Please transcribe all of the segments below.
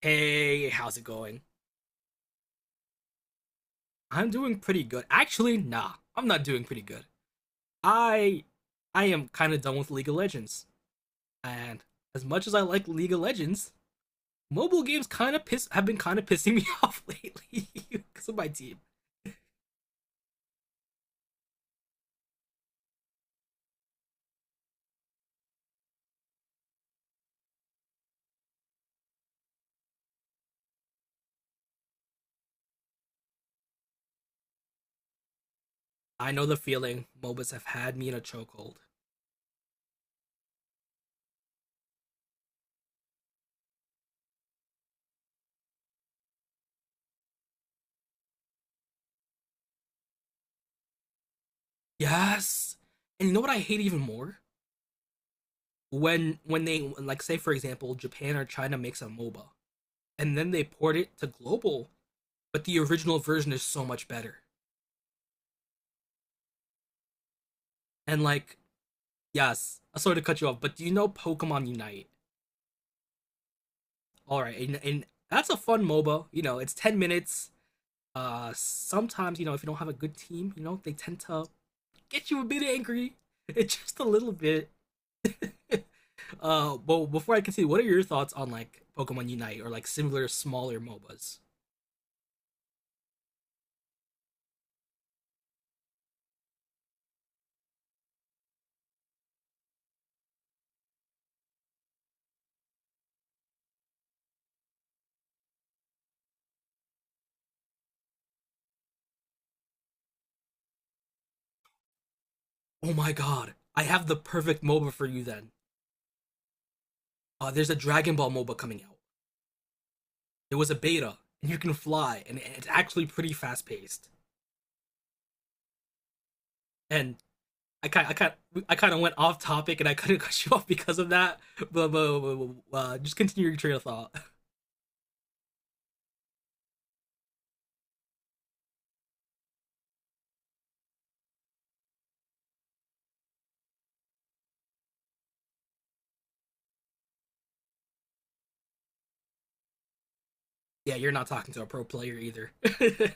Hey, how's it going? I'm doing pretty good. Actually, nah, I'm not doing pretty good. I I am kind of done with League of Legends. And as much as I like League of Legends, mobile games kind of piss have been kind of pissing me off lately because of my team. I know the feeling. MOBAs have had me in a chokehold. Yes. And you know what I hate even more? When they, like, say for example, Japan or China makes a MOBA and then they port it to global, but the original version is so much better. And like Yes. Sorry to cut you off, but do you know Pokemon Unite? All right, and that's a fun MOBA. It's 10 minutes. Sometimes if you don't have a good team, they tend to get you a bit angry, it's just a little bit. But before I continue, what are your thoughts on like Pokemon Unite or like similar smaller MOBAs? Oh my God, I have the perfect MOBA for you then. There's a Dragon Ball MOBA coming out. There was a beta, and you can fly, and it's actually pretty fast paced. And I kind I kind I kind of went off topic and I kind of cut you off because of that. Just continue your train of thought. Yeah, you're not talking to a pro player either.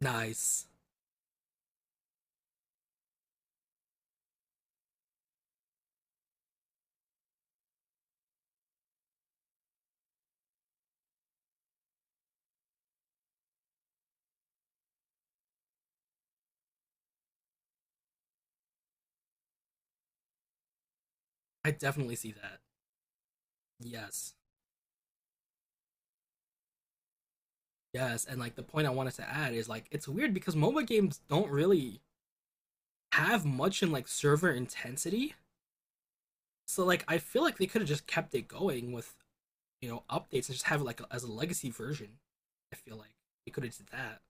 Nice. I definitely see that. Yes. Yes, and like the point I wanted to add is like it's weird because MOBA games don't really have much in like server intensity. So like I feel like they could have just kept it going with updates and just have it like as a legacy version. I feel like they could have did that.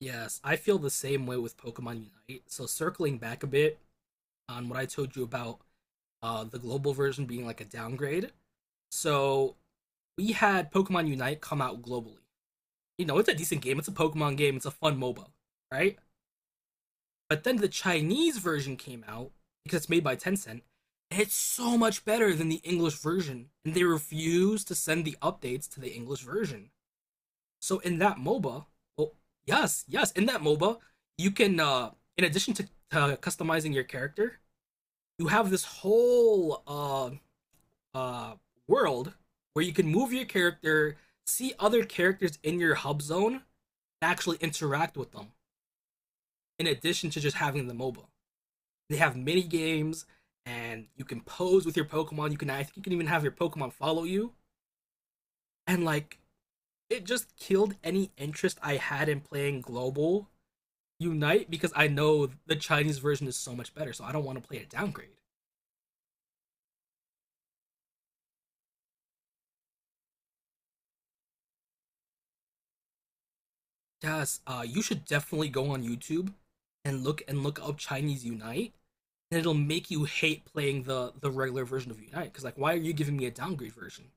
Yes, I feel the same way with Pokemon Unite. So circling back a bit on what I told you about the global version being like a downgrade. So we had Pokemon Unite come out globally. It's a decent game. It's a Pokemon game. It's a fun MOBA, right? But then the Chinese version came out because it's made by Tencent. And it's so much better than the English version, and they refuse to send the updates to the English version. So in that MOBA, oh, yes, yes, in that MOBA, you can, in addition to customizing your character, you have this whole uh world where you can move your character, see other characters in your hub zone, and actually interact with them. In addition to just having the MOBA, they have mini games, and you can pose with your Pokemon. You can I think you can even have your Pokemon follow you, and like it just killed any interest I had in playing global Unite because I know the Chinese version is so much better, so I don't want to play a downgrade. Yes, you should definitely go on YouTube and look up Chinese Unite, and it'll make you hate playing the regular version of Unite because, like, why are you giving me a downgrade version?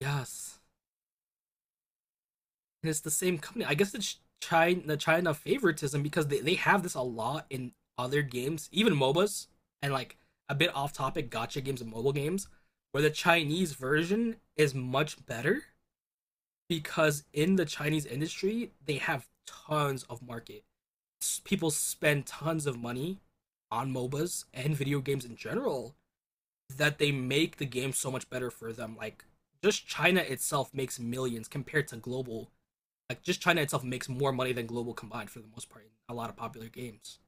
Yes, and it's the same company. I guess it's China the China favoritism because they have this a lot in other games, even MOBAs, and, like, a bit off topic, gotcha games and mobile games, where the Chinese version is much better because in the Chinese industry, they have tons of market. People spend tons of money on MOBAs and video games in general that they make the game so much better for them. Like, just China itself makes millions compared to global. Like, just China itself makes more money than global combined for the most part in a lot of popular games.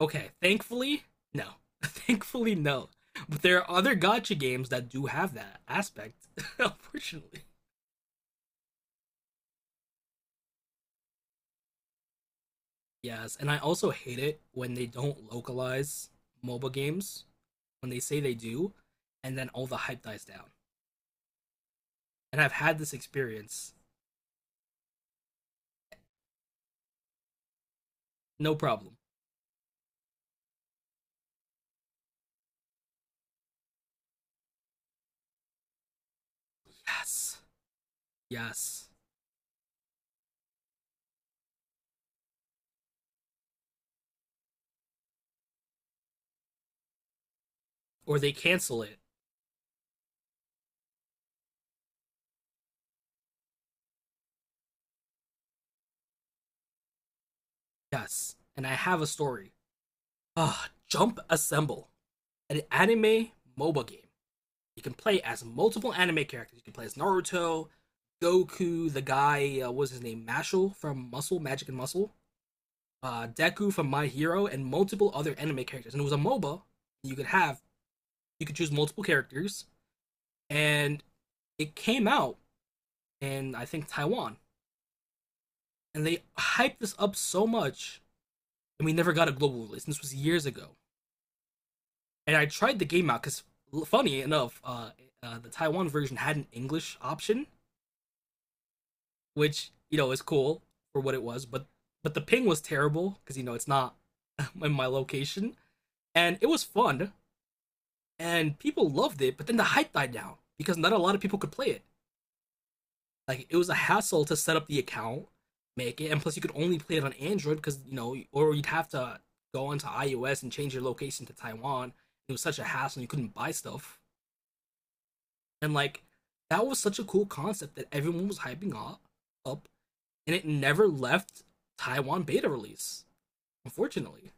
Okay, thankfully, no. Thankfully, no. But there are other gotcha games that do have that aspect, unfortunately. Yes, and I also hate it when they don't localize MOBA games when they say they do, and then all the hype dies down. And I've had this experience, no problem. Yes, yes. Or they cancel it, yes. And I have a story. Ah, Jump Assemble, an anime MOBA game. You can play as multiple anime characters. You can play as Naruto, Goku, the guy, what was his name, Mashal from Muscle, Magic and Muscle. Deku from My Hero, and multiple other anime characters. And it was a MOBA. You could have you could choose multiple characters, and it came out in, I think, Taiwan, and they hyped this up so much, and we never got a global release. And this was years ago. And I tried the game out because, funny enough, the Taiwan version had an English option, which, is cool for what it was, but the ping was terrible because, it's not in my location, and it was fun. And people loved it. But then the hype died down because not a lot of people could play it. Like, it was a hassle to set up the account, make it, and plus you could only play it on Android or you'd have to go onto iOS and change your location to Taiwan. It was such a hassle. And you couldn't buy stuff, and, like, that was such a cool concept that everyone was hyping up, and it never left Taiwan beta release. Unfortunately,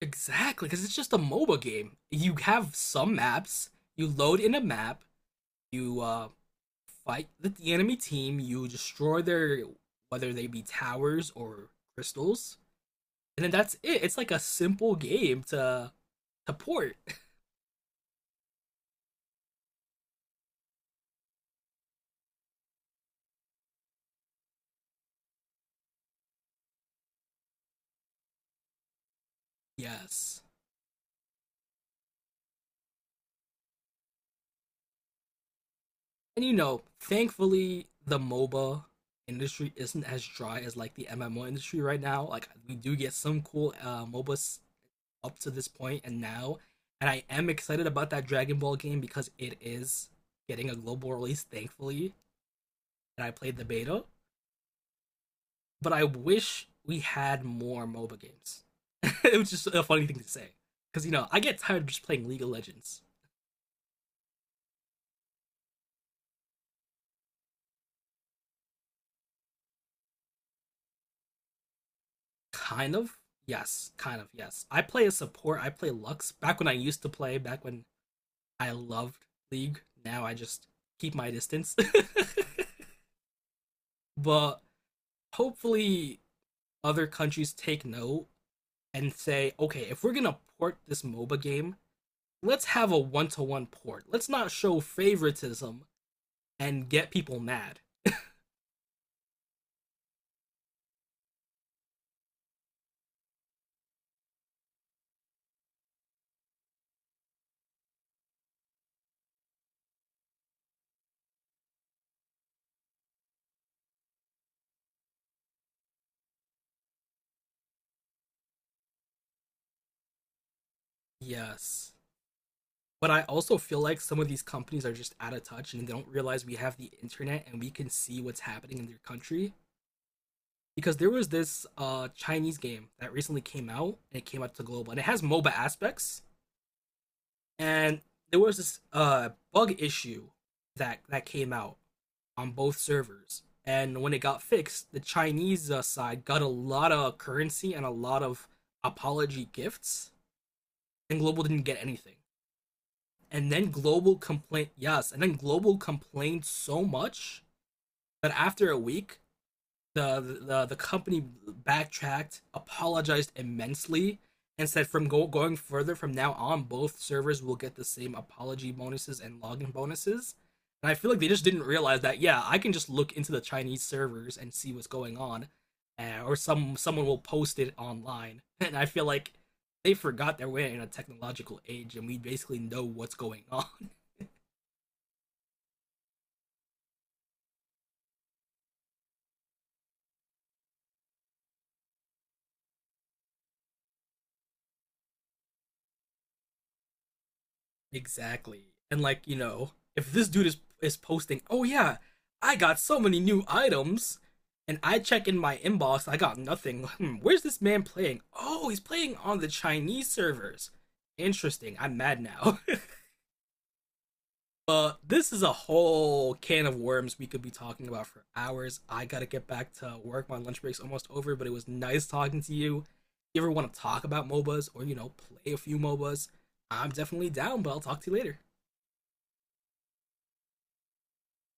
exactly, because it's just a MOBA game. You have some maps. You load in a map. You, fight with the enemy team, you destroy their, whether they be towers or crystals, and then that's it. It's like a simple game to port. Yes, and, you know, thankfully the MOBA industry isn't as dry as like the MMO industry right now. Like, we do get some cool MOBAs up to this point and now, and I am excited about that Dragon Ball game because it is getting a global release. Thankfully, and I played the beta. But I wish we had more MOBA games. It was just a funny thing to say. Because I get tired of just playing League of Legends. Kind of. Yes. Kind of. Yes. I play a support. I play Lux. Back when I used to play, back when I loved League, now I just keep my distance. But hopefully, other countries take note and say, okay, if we're going to port this MOBA game, let's have a one to one port. Let's not show favoritism and get people mad. Yes. But I also feel like some of these companies are just out of touch and they don't realize we have the internet and we can see what's happening in their country. Because there was this Chinese game that recently came out and it came out to global and it has MOBA aspects. And there was this bug issue that came out on both servers. And when it got fixed, the Chinese side got a lot of currency and a lot of apology gifts, and Global didn't get anything. And then global complained, yes, and then global complained so much that after a week, the the company backtracked, apologized immensely, and said from going further, from now on both servers will get the same apology bonuses and login bonuses. And I feel like they just didn't realize that, yeah, I can just look into the Chinese servers and see what's going on. Or someone will post it online and I feel like they forgot that we're in a technological age and we basically know what's going on. Exactly. And, like, you know, if this dude is posting, "Oh yeah, I got so many new items." And I check in my inbox, I got nothing. Hmm, where's this man playing? Oh, he's playing on the Chinese servers. Interesting. I'm mad now. But this is a whole can of worms we could be talking about for hours. I got to get back to work. My lunch break's almost over, but it was nice talking to you. If you ever want to talk about MOBAs or, you know, play a few MOBAs? I'm definitely down, but I'll talk to you later.